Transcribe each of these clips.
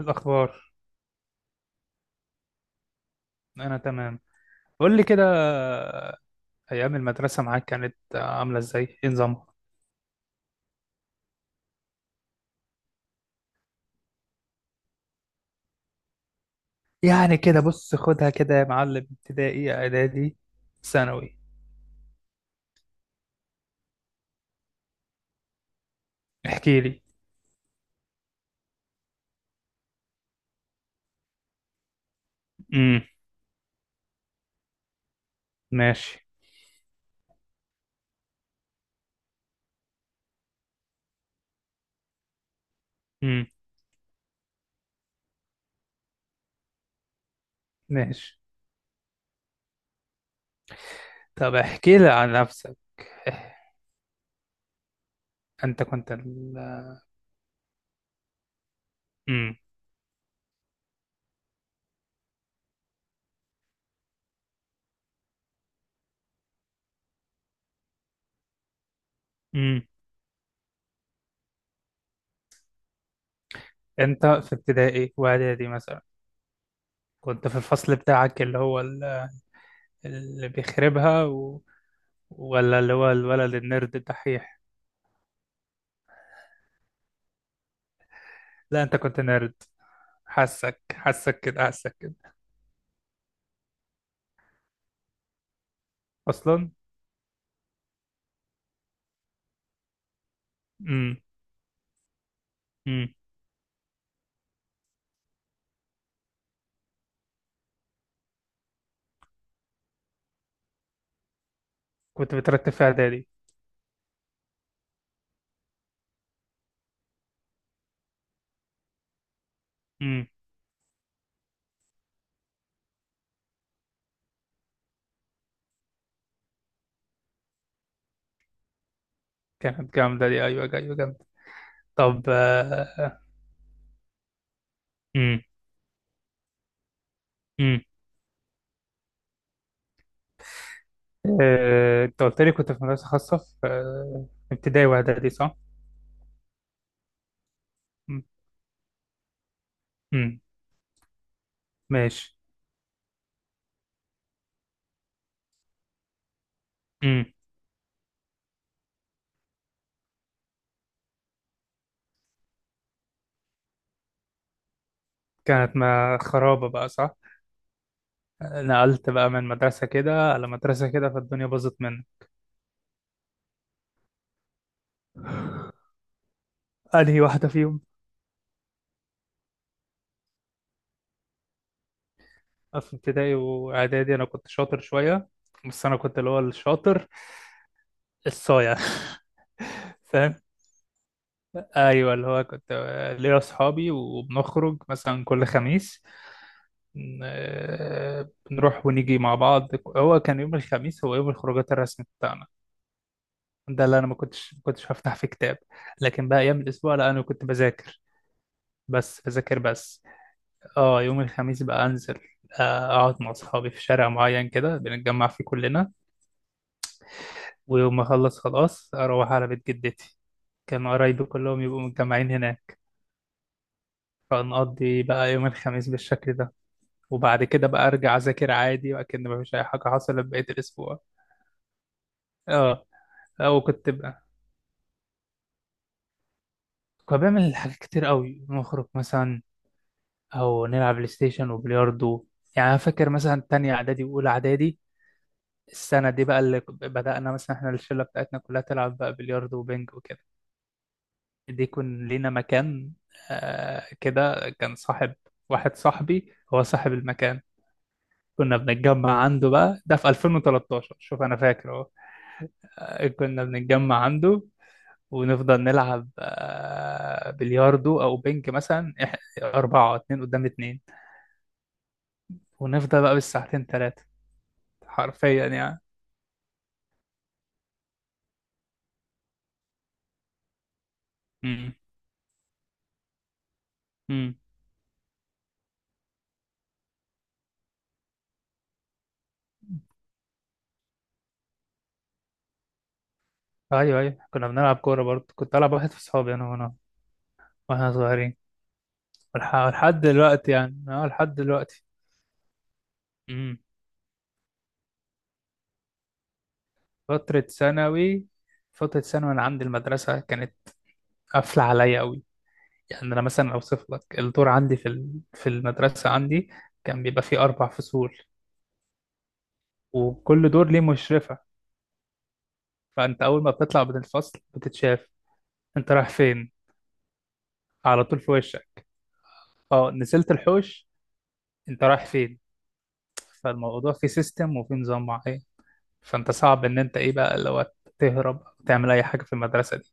الأخبار. أنا تمام. قول لي كده، أيام المدرسة معاك كانت عاملة إزاي؟ إيه نظامها؟ يعني كده بص خدها كده يا معلم، ابتدائي إعدادي ثانوي. احكي لي. امم ماشي. امم ماشي. طب احكي لي عن نفسك. إح- أنت كنت امم امم أنت في ابتدائي وإعدادي مثلا كنت في الفصل بتاعك اللي هو اللي بيخربها ولا اللي هو الولد النرد الدحيح؟ لا أنت كنت نرد، حاسك حاسك كده حاسك كده. اصلا. امم امم كنت بترتب في اعدادي. امم كانت جامده دي، ايوه ايوه جامده. طب آه، امم امم آه، انت قلت لي كنت في مدرسه خاصه في ابتدائي واعدادي، صح؟ امم أمم، ماشي. امم كانت ما خرابه بقى، صح؟ آه، نقلت بقى من مدرسه كده على مدرسه كده فالدنيا باظت مني. انهي واحده فيهم؟ في ابتدائي واعدادي انا كنت شاطر شويه، بس انا كنت اللي هو الشاطر الصايع فاهم؟ ايوه، اللي هو كنت ليا اصحابي وبنخرج مثلا كل خميس. ن- بنروح ونيجي مع بعض. هو كان يوم الخميس هو يوم الخروجات الرسمي بتاعنا. ده اللي انا ما كنتش هفتح فيه كتاب، لكن بقى ايام الاسبوع لا، انا كنت بذاكر، بس بذاكر بس. اه يوم الخميس بقى انزل، آه، اقعد مع اصحابي في شارع معين كده بنتجمع فيه كلنا، ويوم ما اخلص خلاص اروح على بيت جدتي، كان قرايبي كلهم يبقوا متجمعين هناك. فنقضي بقى يوم الخميس بالشكل ده، وبعد كده بقى ارجع اذاكر عادي وكأن مفيش اي حاجه حصلت بقيه الاسبوع. اه. او كنت بقى كنت بعمل حاجات كتير قوي، نخرج مثلا او نلعب بلاي ستيشن وبلياردو. يعني انا فاكر مثلا تانية اعدادي واولى اعدادي، السنه دي بقى بدأنا مثلا احنا الشله بتاعتنا كلها تلعب بقى بلياردو وبنج وكده. دي يكون لينا مكان. آه كده كان صاحب، واحد صاحبي هو صاحب المكان. كنا بنتجمع عنده بقى، ده في 2013، شوف انا فاكر اهو. آه، كنا بنتجمع عنده ونفضل نلعب، آه، بلياردو او بينج، مثلا اربعة، اتنين قدام اتنين، ونفضل بقى بالساعتين تلاتة، حرفيا يعني. امم امم ايوه ايوه، كنا بنلعب كورة برضه، كنت العب واحد في صحابي انا، واحنا صغيرين. لحد دلوقتي يعني، اه لحد دلوقتي. امم فترة ثانوي. فترة ثانوي انا عندي المدرسة كانت قافلة عليا أوي. يعني انا مثلا اوصف لك الدور عندي في المدرسه عندي كان بيبقى فيه اربع فصول، وكل دور ليه مشرفه. فانت اول ما بتطلع من الفصل بتتشاف، انت رايح فين؟ على طول في وشك. اه نزلت الحوش، انت رايح فين؟ فالموضوع فيه سيستم وفيه نظام معين، فانت صعب ان انت ايه بقى لو تهرب او تعمل اي حاجه في المدرسه دي.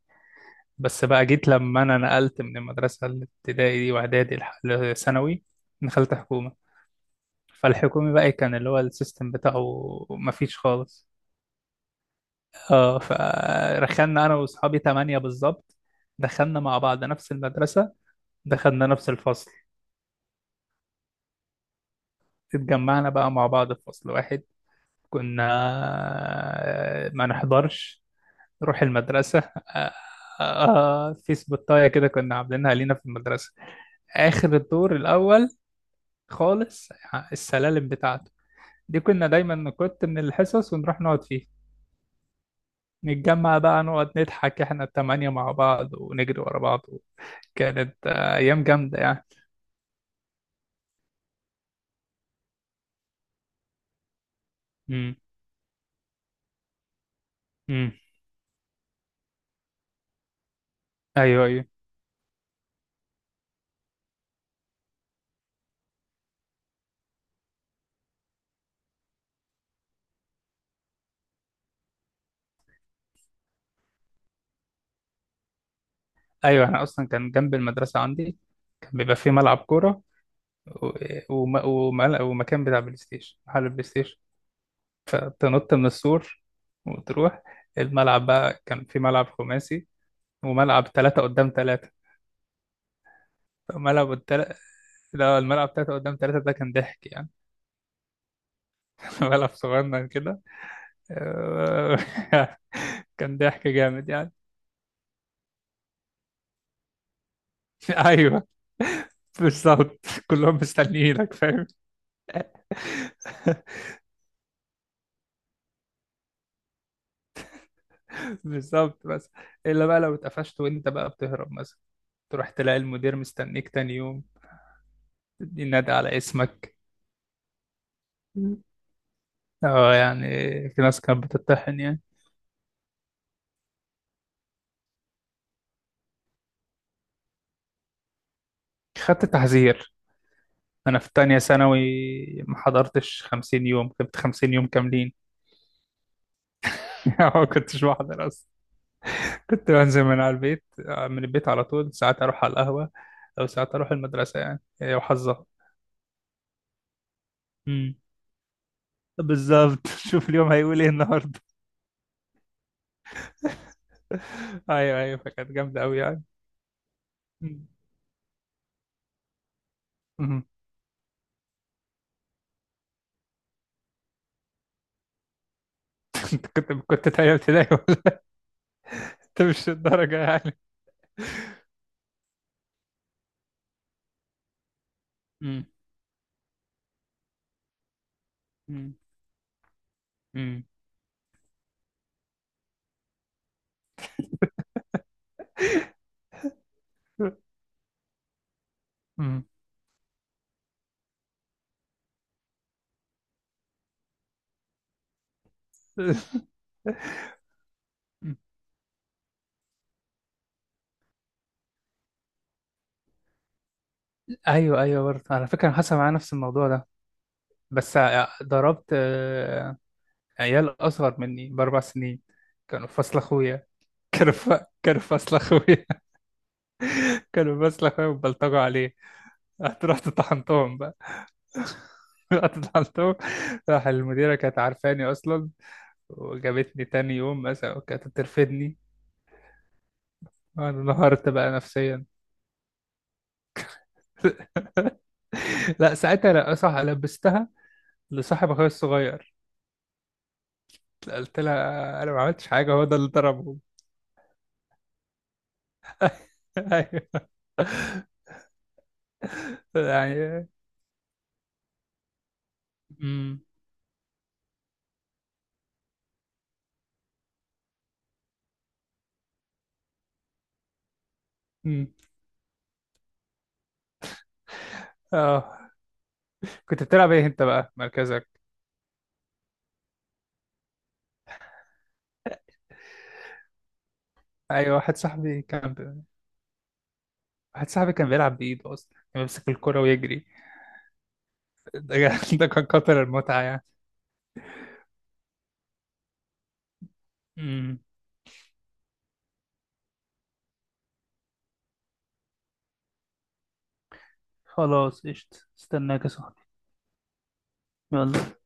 بس بقى جيت لما انا نقلت من المدرسه الابتدائي دي واعدادي لثانوي، دخلت حكومه. فالحكومي بقى كان اللي هو السيستم بتاعه مفيش خالص. اه فرخلنا انا واصحابي تمانية بالظبط، دخلنا مع بعض نفس المدرسة، دخلنا نفس الفصل، اتجمعنا بقى مع بعض في فصل واحد. كنا آه، ما نحضرش، نروح المدرسة، آه آه، في سبوتاية كده كنا عاملينها لينا في المدرسة، آخر الدور الأول خالص، السلالم بتاعته دي كنا دايما نكت من الحصص ونروح نقعد فيها، نتجمع بقى نقعد نضحك احنا التمانية مع بعض ونجري ورا بعض. كانت آه، أيام جامدة يعني. امم امم أيوه أيوه أيوه، أنا أصلا كان جنب المدرسة عندي كان بيبقى فيه ملعب كورة و... ومكان بتاع بلاي ستيشن، محل بلاي ستيشن، فتنط من السور وتروح. الملعب بقى كان فيه ملعب خماسي وملعب تلاتة قدام تلاتة. ملعب التل... لا الملعب تلاتة قدام تلاتة ده كان ضحك يعني، ملعب صغنن كده كان ضحك جامد يعني. ايوه بالظبط، كلهم مستنيينك فاهم. بالظبط. بس الا بقى لو اتقفشت وانت بقى بتهرب مثلا، تروح تلاقي المدير مستنيك تاني يوم، تدي نادي على اسمك. اه يعني، في ناس كانت بتتطحن يعني. خدت تحذير. انا في تانية ثانوي ما حضرتش 50 يوم، كنت 50 يوم كاملين. ما كنتش بحضر، كنت بنزل من على البيت، آه، من البيت على طول، ساعات اروح على القهوة او ساعات اروح المدرسة، يعني هي وحظها. امم بالظبط. شوف اليوم هيقول ايه النهارده. ايوه ايوه، فكانت جامدة قوي يعني. مم. مم. كنت تانية ابتدائي ولا؟ انت مش الدرجة يعني. مم. مم. مم. مم. ايوه ايوه، برضه على فكره أنا حصل معايا نفس الموضوع ده، بس ضربت آه، عيال اصغر مني باربع سنين، كانوا في فصل اخويا، كانوا فاصل اخويا. كانوا فاصل اخويا وبلطجوا عليه، رحت طحنتهم بقى. رحت طحنتهم. راح المديرة كانت عارفاني أصلا، وجابتني تاني يوم مثلا وكانت ترفدني. أنا انهارت بقى نفسيا. لا ساعتها لا صح، لبستها لصاحب أخويا الصغير. قلت لها أنا ما عملتش حاجة، هو ده اللي ضربه. أيوه يعني. امم أمم. اه كنت بتلعب ايه انت بقى، مركزك؟ ايوه واحد صاحبي كان، واحد صاحبي كان بيلعب بإيده أصلا، كان بيمسك الكرة ويجري. ده ده كان كتر المتعة يعني. امم خلاص قشطة، استناك يا صاحبي. يلا.